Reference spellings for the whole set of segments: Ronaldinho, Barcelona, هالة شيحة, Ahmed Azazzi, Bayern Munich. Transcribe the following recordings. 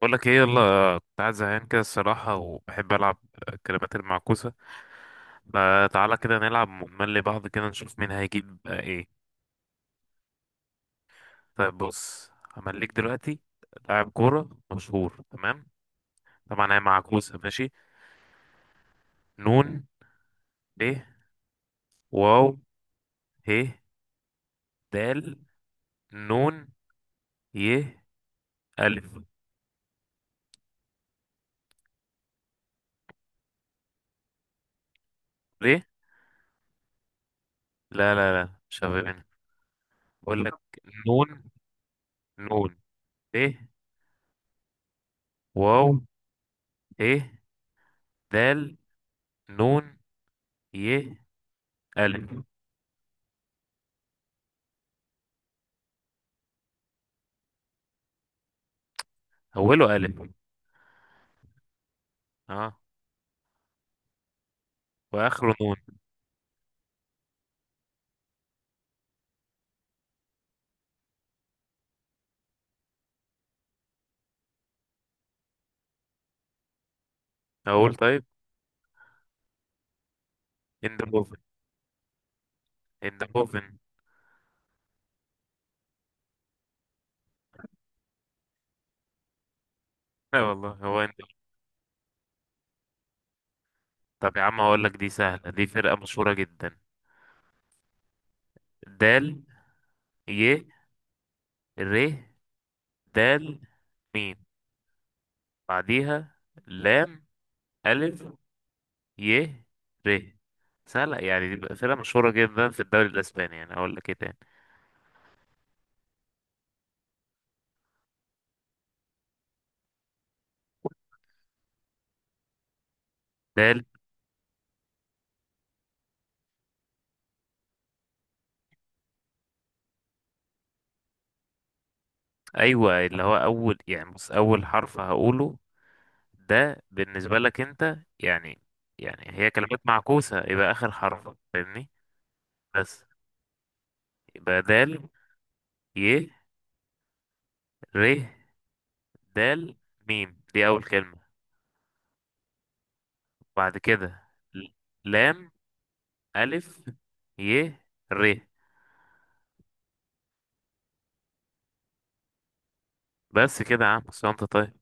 بقول لك ايه، يلا. كنت قاعد زهقان كده الصراحة، وبحب ألعب الكلمات المعكوسة. فتعالى كده نلعب ونملي بعض كده نشوف مين هيجيب. ايه. طيب بص، همليك دلوقتي لاعب كورة مشهور. تمام، طبعا هي معكوسة. ماشي. نون، ب، واو، ه، دال، نون، ي، ألف. ليه؟ لا لا لا، مش هفهمني. بقول لك. نون نون، ب، واو، ه، دال، نون، ي، ألف. أوله ألف. اه. واخره نون. اقول طيب. اندهوفن. اندهوفن. لا والله، هو اند. طب يا عم، هقول لك دي سهله، دي فرقه مشهوره جدا. دال، ي، ر، دال، ميم. بعديها لام، الف، ي، ر. سهله يعني، دي بقى فرقه مشهوره جدا في الدوري الاسباني. يعني اقول لك ايه تاني؟ دال. ايوه، اللي هو اول، يعني بص اول حرف هقوله ده بالنسبه لك انت يعني. يعني هي كلمات معكوسه، يبقى اخر حرف، فاهمني؟ بس. يبقى دال، ي، ر، دال، ميم دي أول كلمة. بعد كده لام، ألف، ي، ر. بس كده يا عم، بس انت طيب.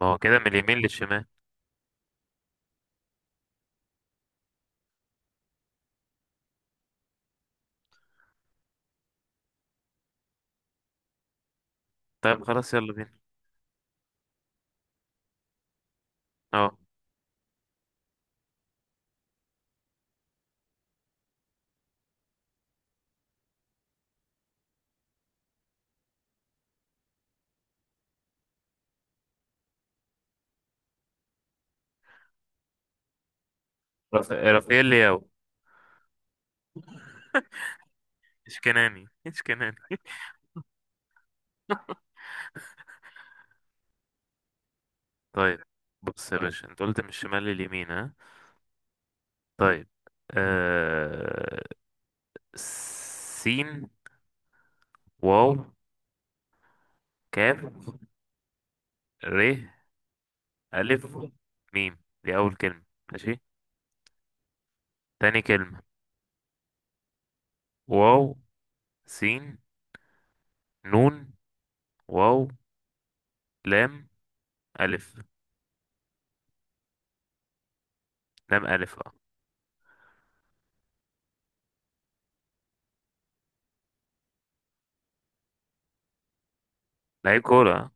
ما هو كده من اليمين للشمال. طيب خلاص، يلا بينا. اه. رافائيل لياو. اشكناني، اشكناني. طيب بص يا باشا، انت قلت من الشمال لليمين، ها؟ طيب. آه... سين، واو، كاف، ر، ألف، ميم دي أول كلمة. ماشي. تاني كلمة: واو، سين، نون، واو، لام، ألف، لام، ألف. اه. لعيب كورة. آه.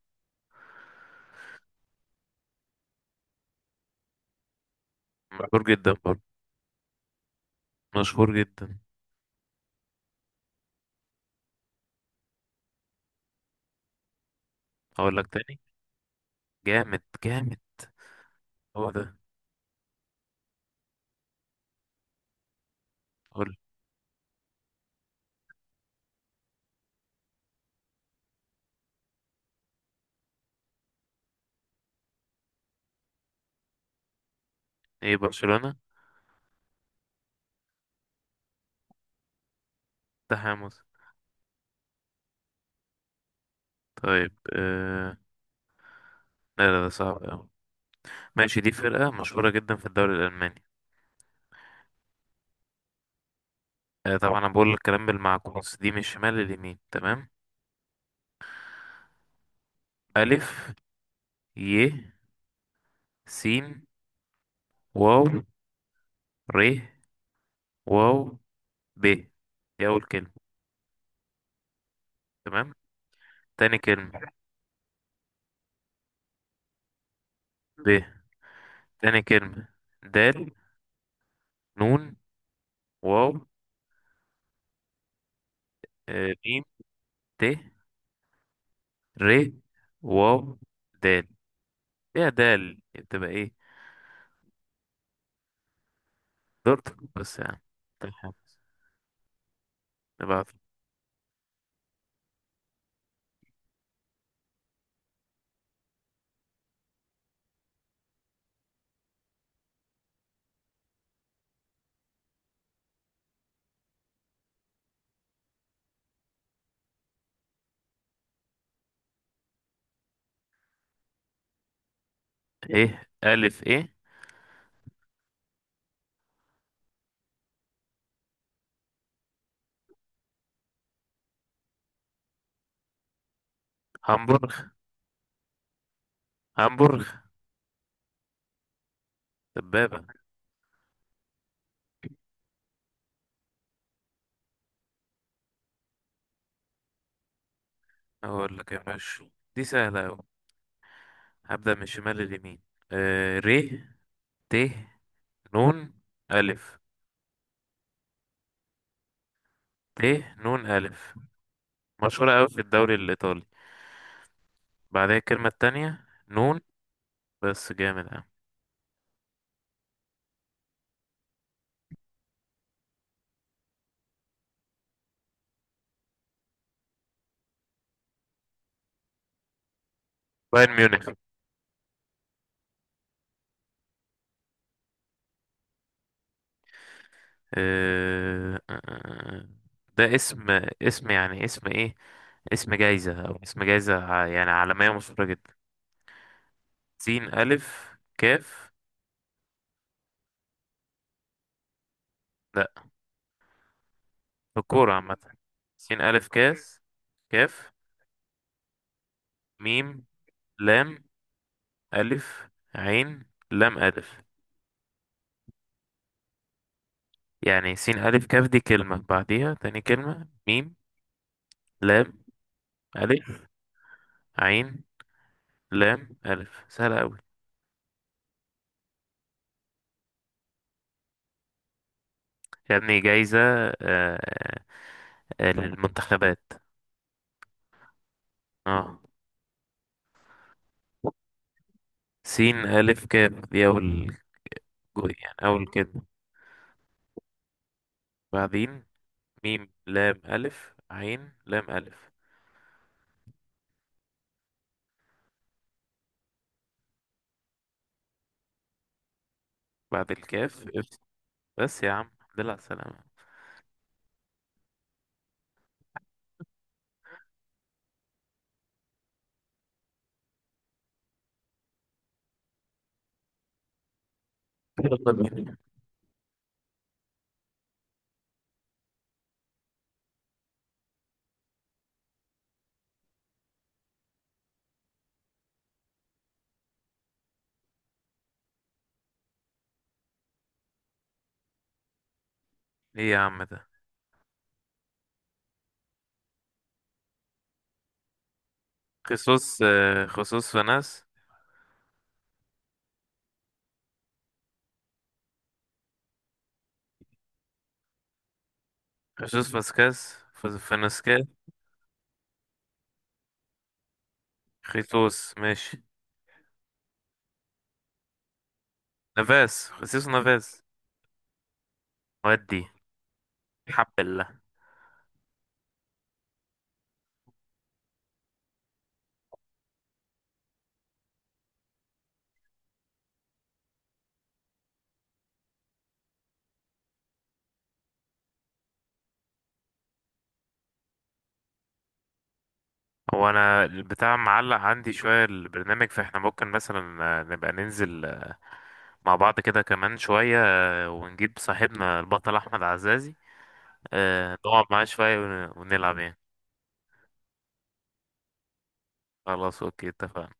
مشهور جدا برضه، مشهور جدا. هقول لك تاني. جامد جامد. هو ده. قول. ايه برشلونة. تحامس. طيب. لا لا، ده صعب أوي. ماشي، دي فرقة مشهورة جدا في الدوري الألماني. طبعا أنا بقول الكلام بالمعكوس، دي من الشمال لليمين، تمام؟ ألف، ي، س، واو، ر، واو، ب دي أول كلمة. تمام. تاني كلمة ب تاني كلمة: دال، نون، واو، ميم، ت، ر، واو، دال. ايه يا دال، بتبقى ايه؟ دورتك بس يا عم. تلحق. نبعت. ايه ألف ايه. هامبورغ. هامبورغ. دبابة. أقول لك يا باشا، دي سهلة أوي. هبدأ من الشمال لليمين. ر، ت، نون، ألف. ت، نون، ألف. مشهورة أوي في الدوري الإيطالي. بعدها الكلمة التانية نون. بس جامد أوي. بايرن ميونخ. آه، آه، آه، آه. ده اسم. اسم يعني، اسم ايه. اسم جايزة، او اسم جايزة يعني عالمية مشهورة جدا. سين، ألف، كاف. لا، في الكورة عامة. سين، ألف، كاف، ميم، لام، ألف، عين، لام، ألف. يعني سين، ألف، كاف دي كلمة، بعديها تاني كلمة ميم، لام، ألف، عين، لام، ألف. سهلة أوي. يا ابني، جايزة. آه، للمنتخبات. اه. سين، ألف، كاف دي أول جزء يعني أول كلمة. بعدين ميم، لام، ألف، عين، لام، ألف. بعد الكاف اف. بس يا عم. دل على السلامة. يلا بينا. إيه يا عم ده. خصوص فناس. فنسكاس. خيتوس ماشي. نفاس، خصيص، نفاس. ودي حب. هو انا البتاع معلق عندي شوية البرنامج، فاحنا ممكن مثلا نبقى ننزل مع بعض كده كمان شوية، ونجيب صاحبنا البطل احمد عزازي، نقعد معاه شوية ونلعب يعني. خلاص، اوكي، اتفقنا.